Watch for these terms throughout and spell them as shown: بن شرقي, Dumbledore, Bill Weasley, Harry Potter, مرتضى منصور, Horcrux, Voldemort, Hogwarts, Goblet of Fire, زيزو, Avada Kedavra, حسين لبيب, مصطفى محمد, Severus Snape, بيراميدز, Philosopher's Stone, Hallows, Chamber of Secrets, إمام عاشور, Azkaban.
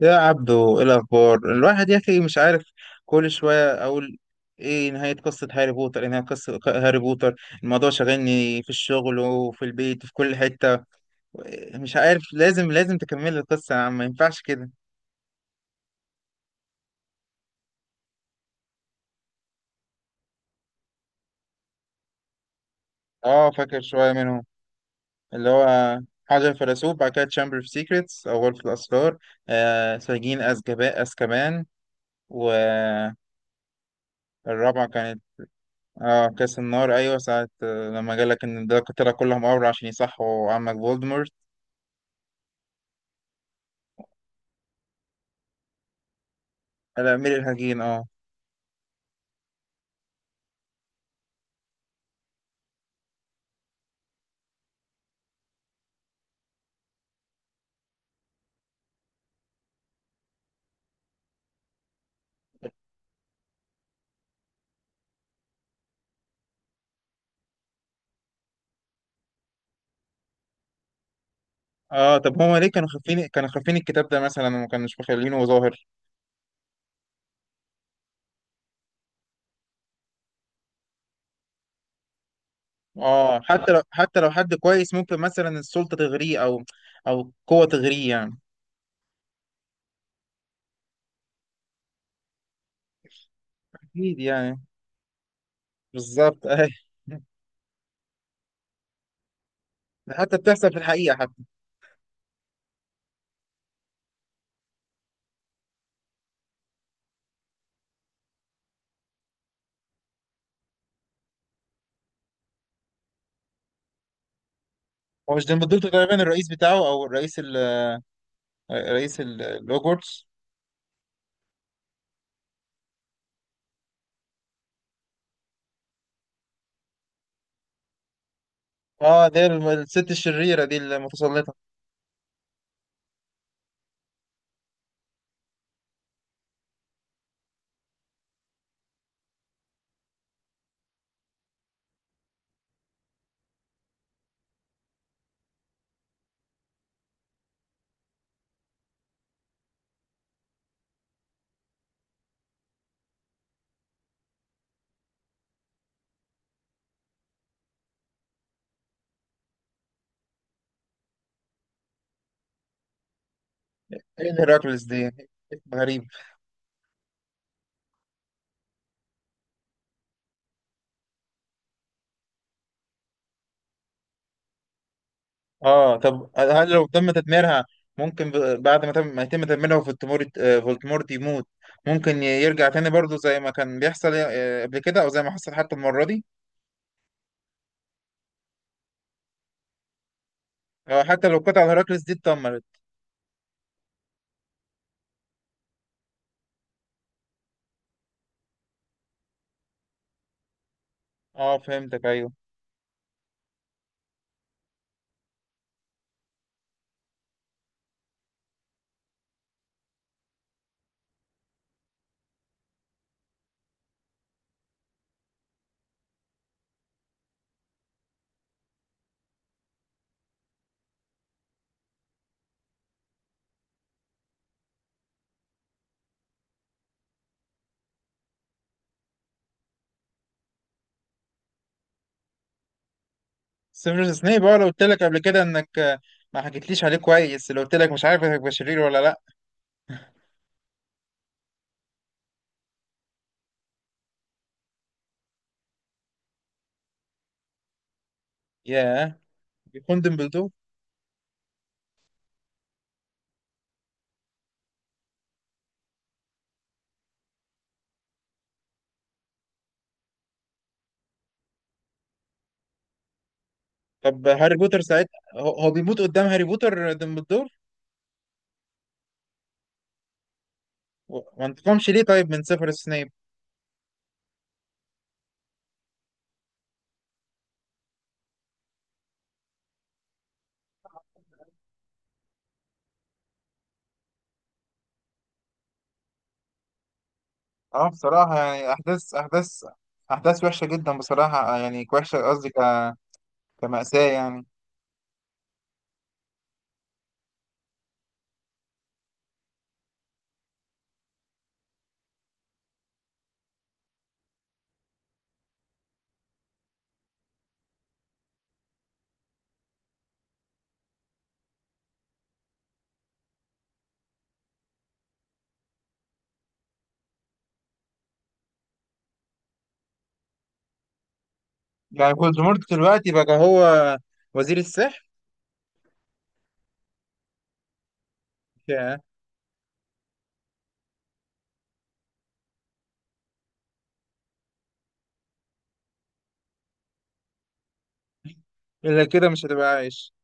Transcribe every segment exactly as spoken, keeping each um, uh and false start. يا عبدو، ايه الاخبار؟ الواحد يا اخي مش عارف. كل شويه اقول ايه نهايه قصه هاري بوتر؟ ايه نهايه قصه هاري بوتر الموضوع شاغلني في الشغل وفي البيت وفي كل حته. مش عارف، لازم لازم تكمل القصه يا عم، ما ينفعش كده. اه، فاكر شويه منهم. اللي هو حجر الفيلسوف، بعد كده تشامبر اوف سيكريتس او غرفه الاسرار. آه، سجين أزكبا- azkaban. والرابعه كانت اه كاس النار، ايوه. ساعة آه، لما جالك ان ده القتلة كلهم امر عشان يصحوا عمك فولدمورت. الامير الحكيم، اه. اه طب هما ليه كانوا خافين كانوا خافين الكتاب ده مثلا وما كانوش مخلينه ظاهر؟ اه، حتى لو حتى لو حد كويس ممكن مثلا السلطة تغريه او او قوة تغريه يعني. اكيد يعني، بالظبط اي. ده حتى بتحصل في الحقيقة حتى. هو مش ديمبلدور تقريبا الرئيس بتاعه، او الرئيس ال رئيس ال- الهوجورتس؟ اه، دي الست الشريرة دي المتسلطة. ايه هيراكلس دي؟ غريبة. اه طب هل لو تم تدميرها ممكن ب- بعد ما تم ما يتم تدميرها فولتمورت، آه، فولتمورت يموت؟ ممكن ي- يرجع تاني برضه زي ما كان بيحصل آه، قبل كده، او زي ما حصل حتى المرة دي. آه، حتى لو قطع هيراكلس دي اتدمرت. اه فهمتك، ايوه. سيفيروس سنيب، اه، لو قلت لك قبل كده انك آه، ما حكيتليش عليه كويس، لو قلت لك مش عارف هيبقى شرير ولا لا. ياه، بيكون ديمبلدور. طب هاري بوتر ساعتها هو هو بيموت قدام هاري بوتر ديمبلدور؟ و- ما انتقمش ليه طيب من سيفيروس سنيب؟ اه بصراحة يعني، أحداث أحداث أحداث وحشة جدا بصراحة، يعني وحشة قصدي ك... كمأساة يعني. يعني فولدمورت دلوقتي بقى هو وزير السحر. يا. إلا كده مش هتبقى عايش.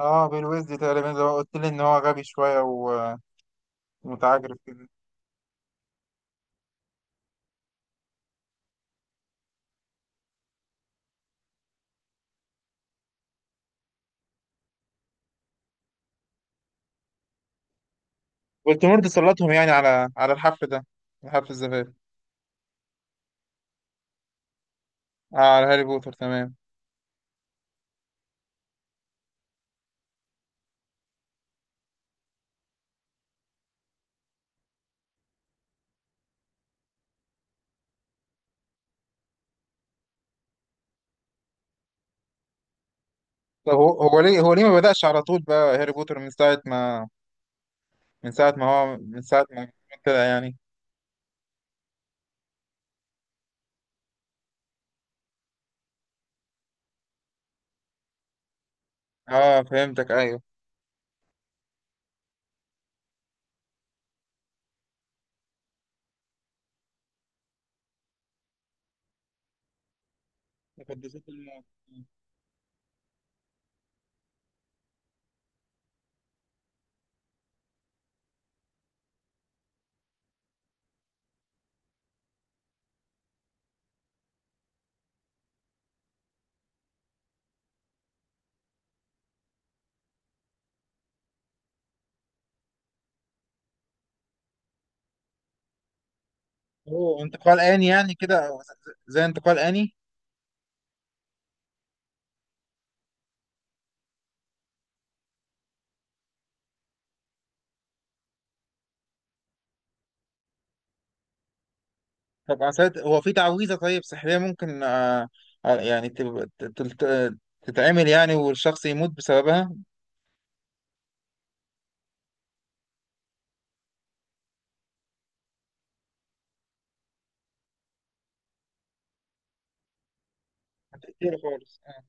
اه، بيل ويزلي تقريبا زي ما قلت لي إن هو غبي شوية و- ومتعجرف كده. فولدمورت سلطهم يعني على على الحفل ده، حفل الزفاف. اه، على هاري بوتر تمام. طب هو هو ليه هو ليه ما بدأش على طول بقى هاري بوتر من ساعة ما من ساعة ما هو من ساعة ما كده يعني؟ اه فهمتك، ايوه. مقدسات الموت. اوه، انتقال آني يعني كده، أو ز- زي انتقال آني؟ طب عساد هو في تعويذة طيب سحرية ممكن، آه آه، يعني تب- ت- تلت- تتعمل يعني والشخص يموت بسببها؟ هتقتله خالص، آه.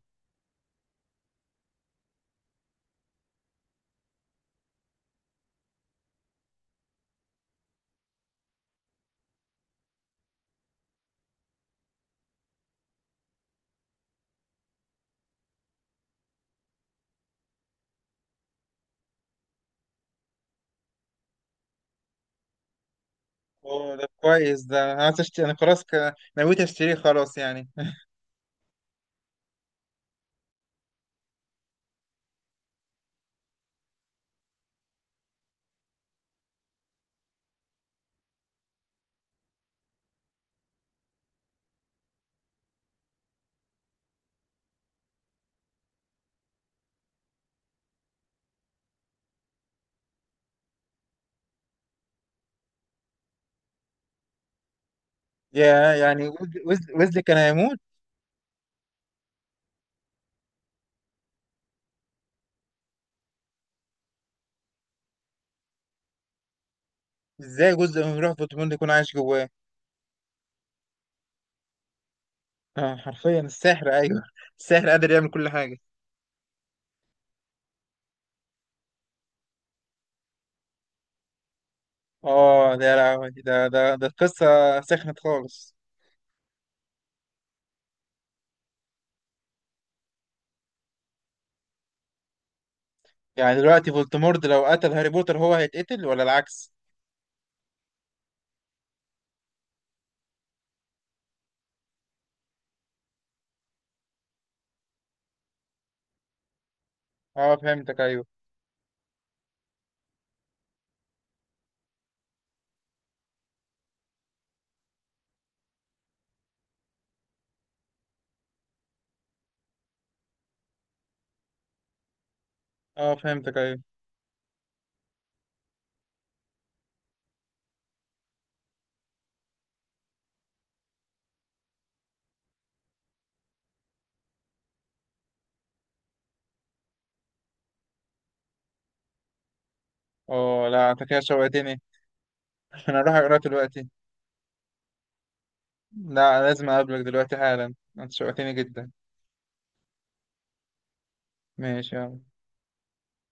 اوه ده كويس. ده انا عايز اشتري، انا خلاص ك- نويت اشتريه خلاص يعني. يا يعني وز- وز- وزلي كان هيموت؟ ازاي جزء من روح فوتوموند يكون عايش جواه؟ آه، حرفيا السحر، ايوه. السحر قادر يعمل كل حاجة. اه ده يا لهوي، ده ده ده قصة. سخنت خالص. يعني دلوقتي فولتمورت لو قتل هاري بوتر، هو هيتقتل ولا العكس؟ اه فهمتك، ايوه. اه فهمتك، ايوه. اه لا، انت كده شوقتني. انا اروح اقرا دلوقتي. لا، لازم اقابلك دلوقتي حالا، انت شوقتني جدا. ماشي، يلا.